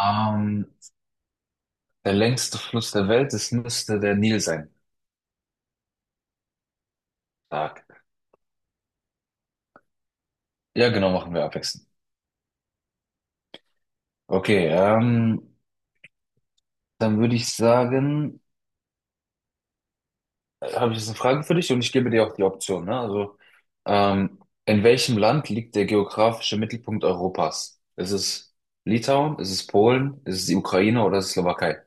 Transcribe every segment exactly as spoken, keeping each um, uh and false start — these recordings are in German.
Ähm, Der längste Fluss der Welt, das müsste der Nil sein. Stark. Ja, genau, machen wir abwechselnd. Okay, ähm, dann würde ich sagen, äh, habe ich jetzt eine Frage für dich und ich gebe dir auch die Option, ne? Also, ähm, in welchem Land liegt der geografische Mittelpunkt Europas? Ist es Litauen? Ist es Polen? Ist es die Ukraine oder ist es Slowakei?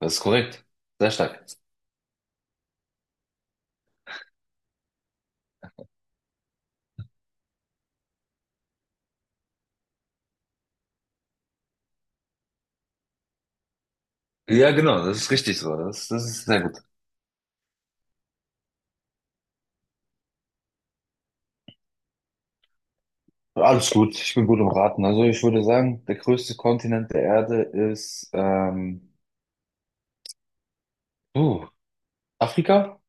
Das ist korrekt. Sehr stark. Ja, genau, das ist richtig so. Das, das ist sehr gut. Alles gut, ich bin gut im Raten. Also ich würde sagen, der größte Kontinent der Erde ist ähm, uh, Afrika?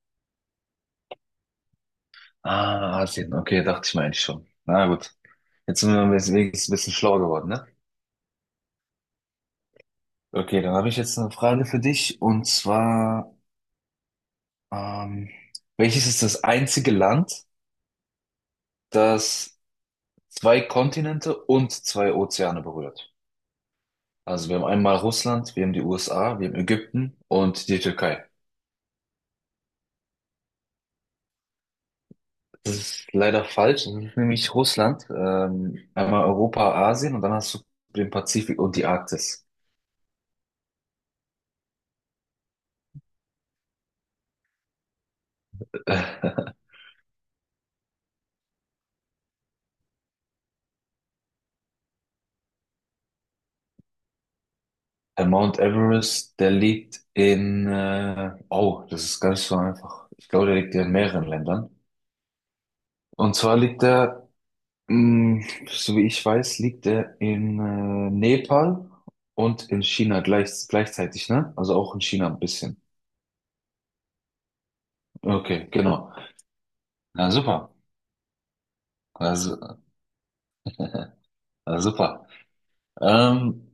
Ah, Asien. Okay, dachte ich mir eigentlich schon. Na gut. Jetzt sind wir wenigstens ein bisschen schlauer geworden, ne? Okay, dann habe ich jetzt eine Frage für dich. Und zwar, ähm, welches ist das einzige Land, das zwei Kontinente und zwei Ozeane berührt? Also wir haben einmal Russland, wir haben die U S A, wir haben Ägypten und die Türkei. Das ist leider falsch. Das ist nämlich Russland, ähm, einmal Europa, Asien und dann hast du den Pazifik und die Arktis. Äh, der Mount Everest, der liegt in, äh, oh, das ist gar nicht so einfach. Ich glaube, der liegt ja in mehreren Ländern. Und zwar liegt er, mh, so wie ich weiß, liegt er in äh, Nepal und in China gleich, gleichzeitig, ne? Also auch in China ein bisschen. Okay, genau. Na super. Also, na super. Ähm,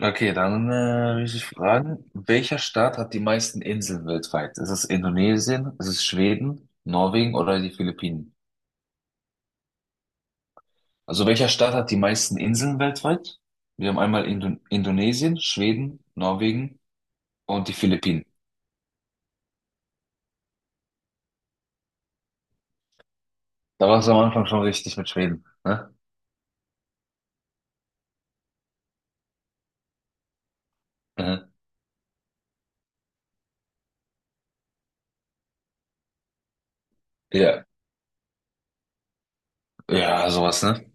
Okay, dann äh, will ich dich fragen, welcher Staat hat die meisten Inseln weltweit? Ist es Indonesien, ist es Schweden, Norwegen oder die Philippinen? Also welcher Staat hat die meisten Inseln weltweit? Wir haben einmal Indo Indonesien, Schweden, Norwegen und die Philippinen. Da war es am Anfang schon richtig mit Schweden, ne? Mhm. Ja, ja, sowas, ne?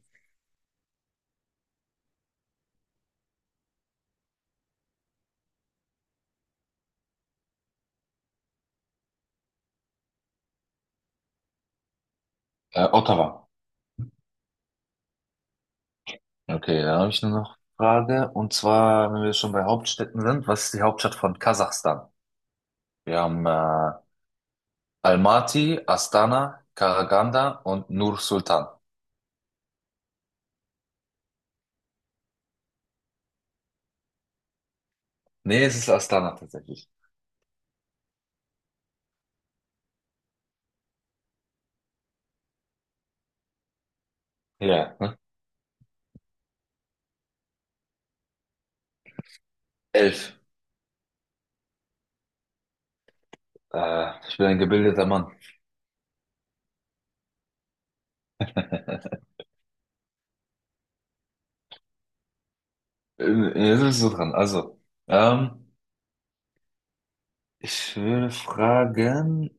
Äh, Ottawa. Okay, da habe ich nur noch Frage. Und zwar, wenn wir schon bei Hauptstädten sind, was ist die Hauptstadt von Kasachstan? Wir haben äh, Almaty, Astana, Karaganda und Nur Sultan. Nee, es ist Astana tatsächlich. Ja, ne? Elf. Äh, ich bin ein gebildeter Mann. Ähm, Jetzt bist du dran. Also, ähm, ich würde fragen,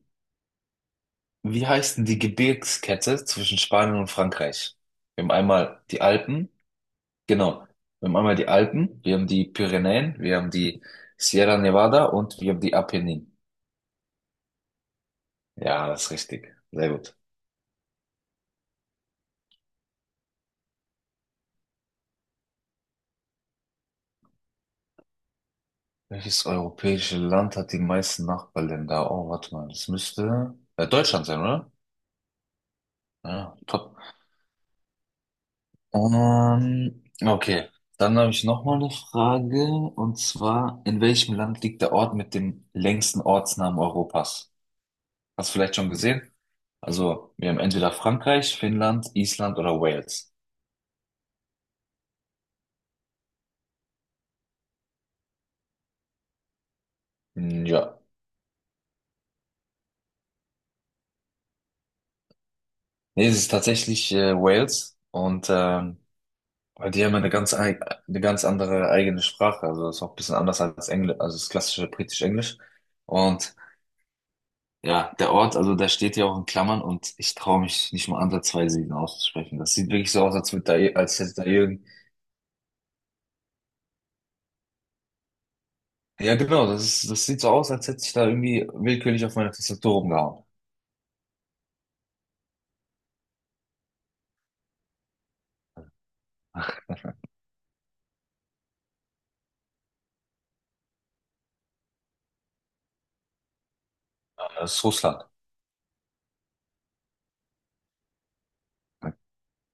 wie heißt denn die Gebirgskette zwischen Spanien und Frankreich? Wir haben einmal die Alpen, genau. Wir haben einmal die Alpen, wir haben die Pyrenäen, wir haben die Sierra Nevada und wir haben die Apenninen. Ja, das ist richtig. Sehr gut. Welches europäische Land hat die meisten Nachbarländer? Oh, warte mal, das müsste äh, Deutschland sein, oder? Ja, top. Ähm, okay, dann habe ich noch mal eine Frage und zwar, in welchem Land liegt der Ort mit dem längsten Ortsnamen Europas? Hast du vielleicht schon gesehen? Also, wir haben entweder Frankreich, Finnland, Island oder Wales. Hm, ja, nee, es ist tatsächlich äh, Wales und ähm, weil die haben ja eine ganz, ei- eine ganz andere eigene Sprache. Also ist auch ein bisschen anders als Englisch, also das klassische britisch-Englisch. Und ja, der Ort, also da steht ja auch in Klammern und ich traue mich nicht mal ansatzweise ihn auszusprechen. Das sieht wirklich so aus, als würde da, ir- als hätte da irgend. Ja, genau, das ist, das sieht so aus, als hätte ich da irgendwie willkürlich auf meine Tastatur rumgehauen. Das ist Russland.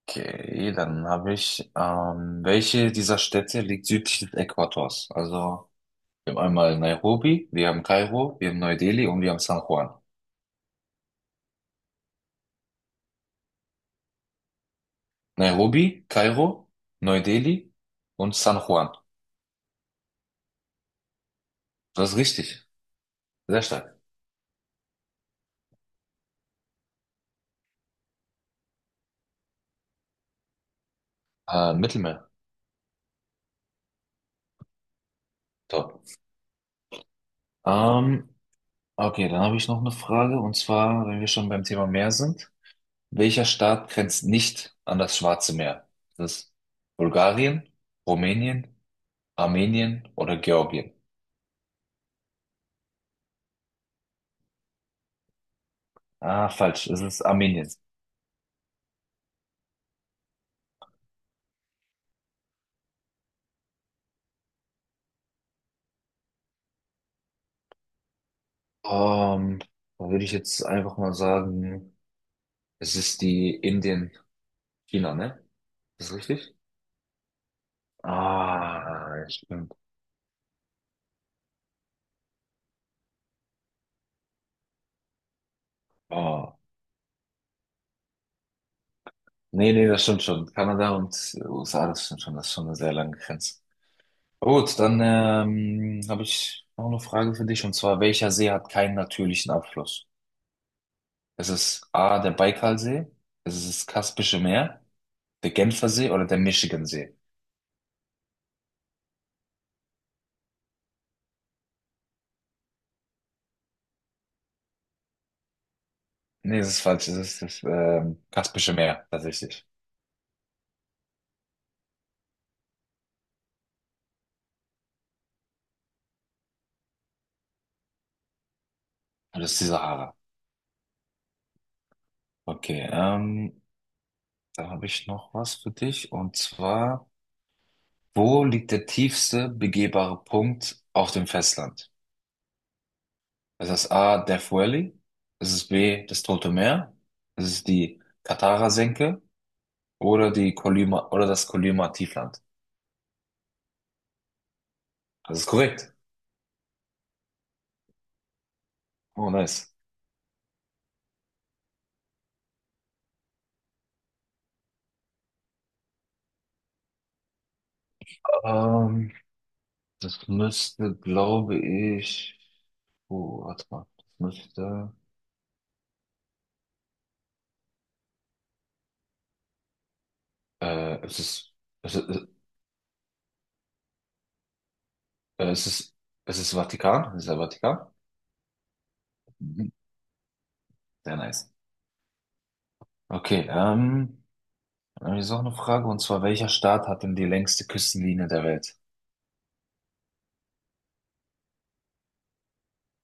Okay, dann habe ich, ähm, welche dieser Städte liegt südlich des Äquators? Also, wir haben einmal Nairobi, wir haben Kairo, wir haben Neu-Delhi und wir haben San Juan. Nairobi, Kairo, Neu-Delhi und San Juan. Das ist richtig. Sehr stark. Äh, Mittelmeer. Top. Ähm, okay, dann habe ich noch eine Frage. Und zwar, wenn wir schon beim Thema Meer sind. Welcher Staat grenzt nicht an das Schwarze Meer? Das ist Bulgarien, Rumänien, Armenien oder Georgien? Ah, falsch. Es ist Armenien. Ähm, dann würde ich jetzt einfach mal sagen, es ist die Indien, China, ne? Ist das richtig? Ah, ich bin Ah, nee, nee, das stimmt schon. Kanada und U S A, das stimmt schon, das ist schon eine sehr lange Grenze. Gut, dann ähm, habe ich noch eine Frage für dich, und zwar, welcher See hat keinen natürlichen Abfluss? Ist es A, der Baikalsee? Ist es das Kaspische Meer, der Genfersee oder der Michigansee? Nee, das ist falsch, es ist das ähm, Kaspische Meer, tatsächlich. Und das ist die Sahara. Okay, ähm, da habe ich noch was für dich, und zwar, wo liegt der tiefste begehbare Punkt auf dem Festland? Es ist A, Death Valley. Es ist B, das Tote Meer. Es ist die Katara-Senke oder die Kolyma oder das Kolyma-Tiefland. Das ist korrekt. Oh, nice. Ähm, das müsste, glaube ich. Oh, warte mal. Das müsste. Äh, es ist. Es ist. äh, Es ist. Es ist Vatikan. Es ist der Vatikan. Mhm. Sehr nice. Okay, ähm, dann habe ich jetzt auch eine Frage, und zwar, welcher Staat hat denn die längste Küstenlinie der Welt?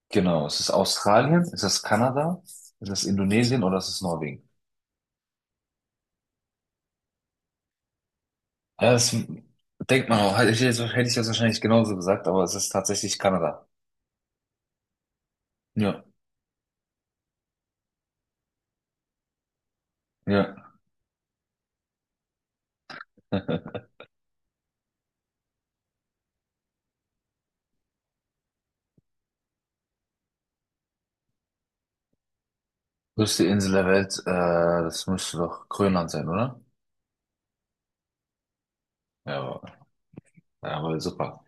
Genau, ist es Australien, ist das Kanada, ist das Indonesien oder ist es Norwegen? Ja, das denkt man auch. Hätte ich jetzt, hätte ich jetzt wahrscheinlich genauso gesagt, aber es ist tatsächlich Kanada. Ja, ja. Größte Insel der Welt, äh, das müsste doch Grönland sein, oder? Ja, aber, ja, aber super.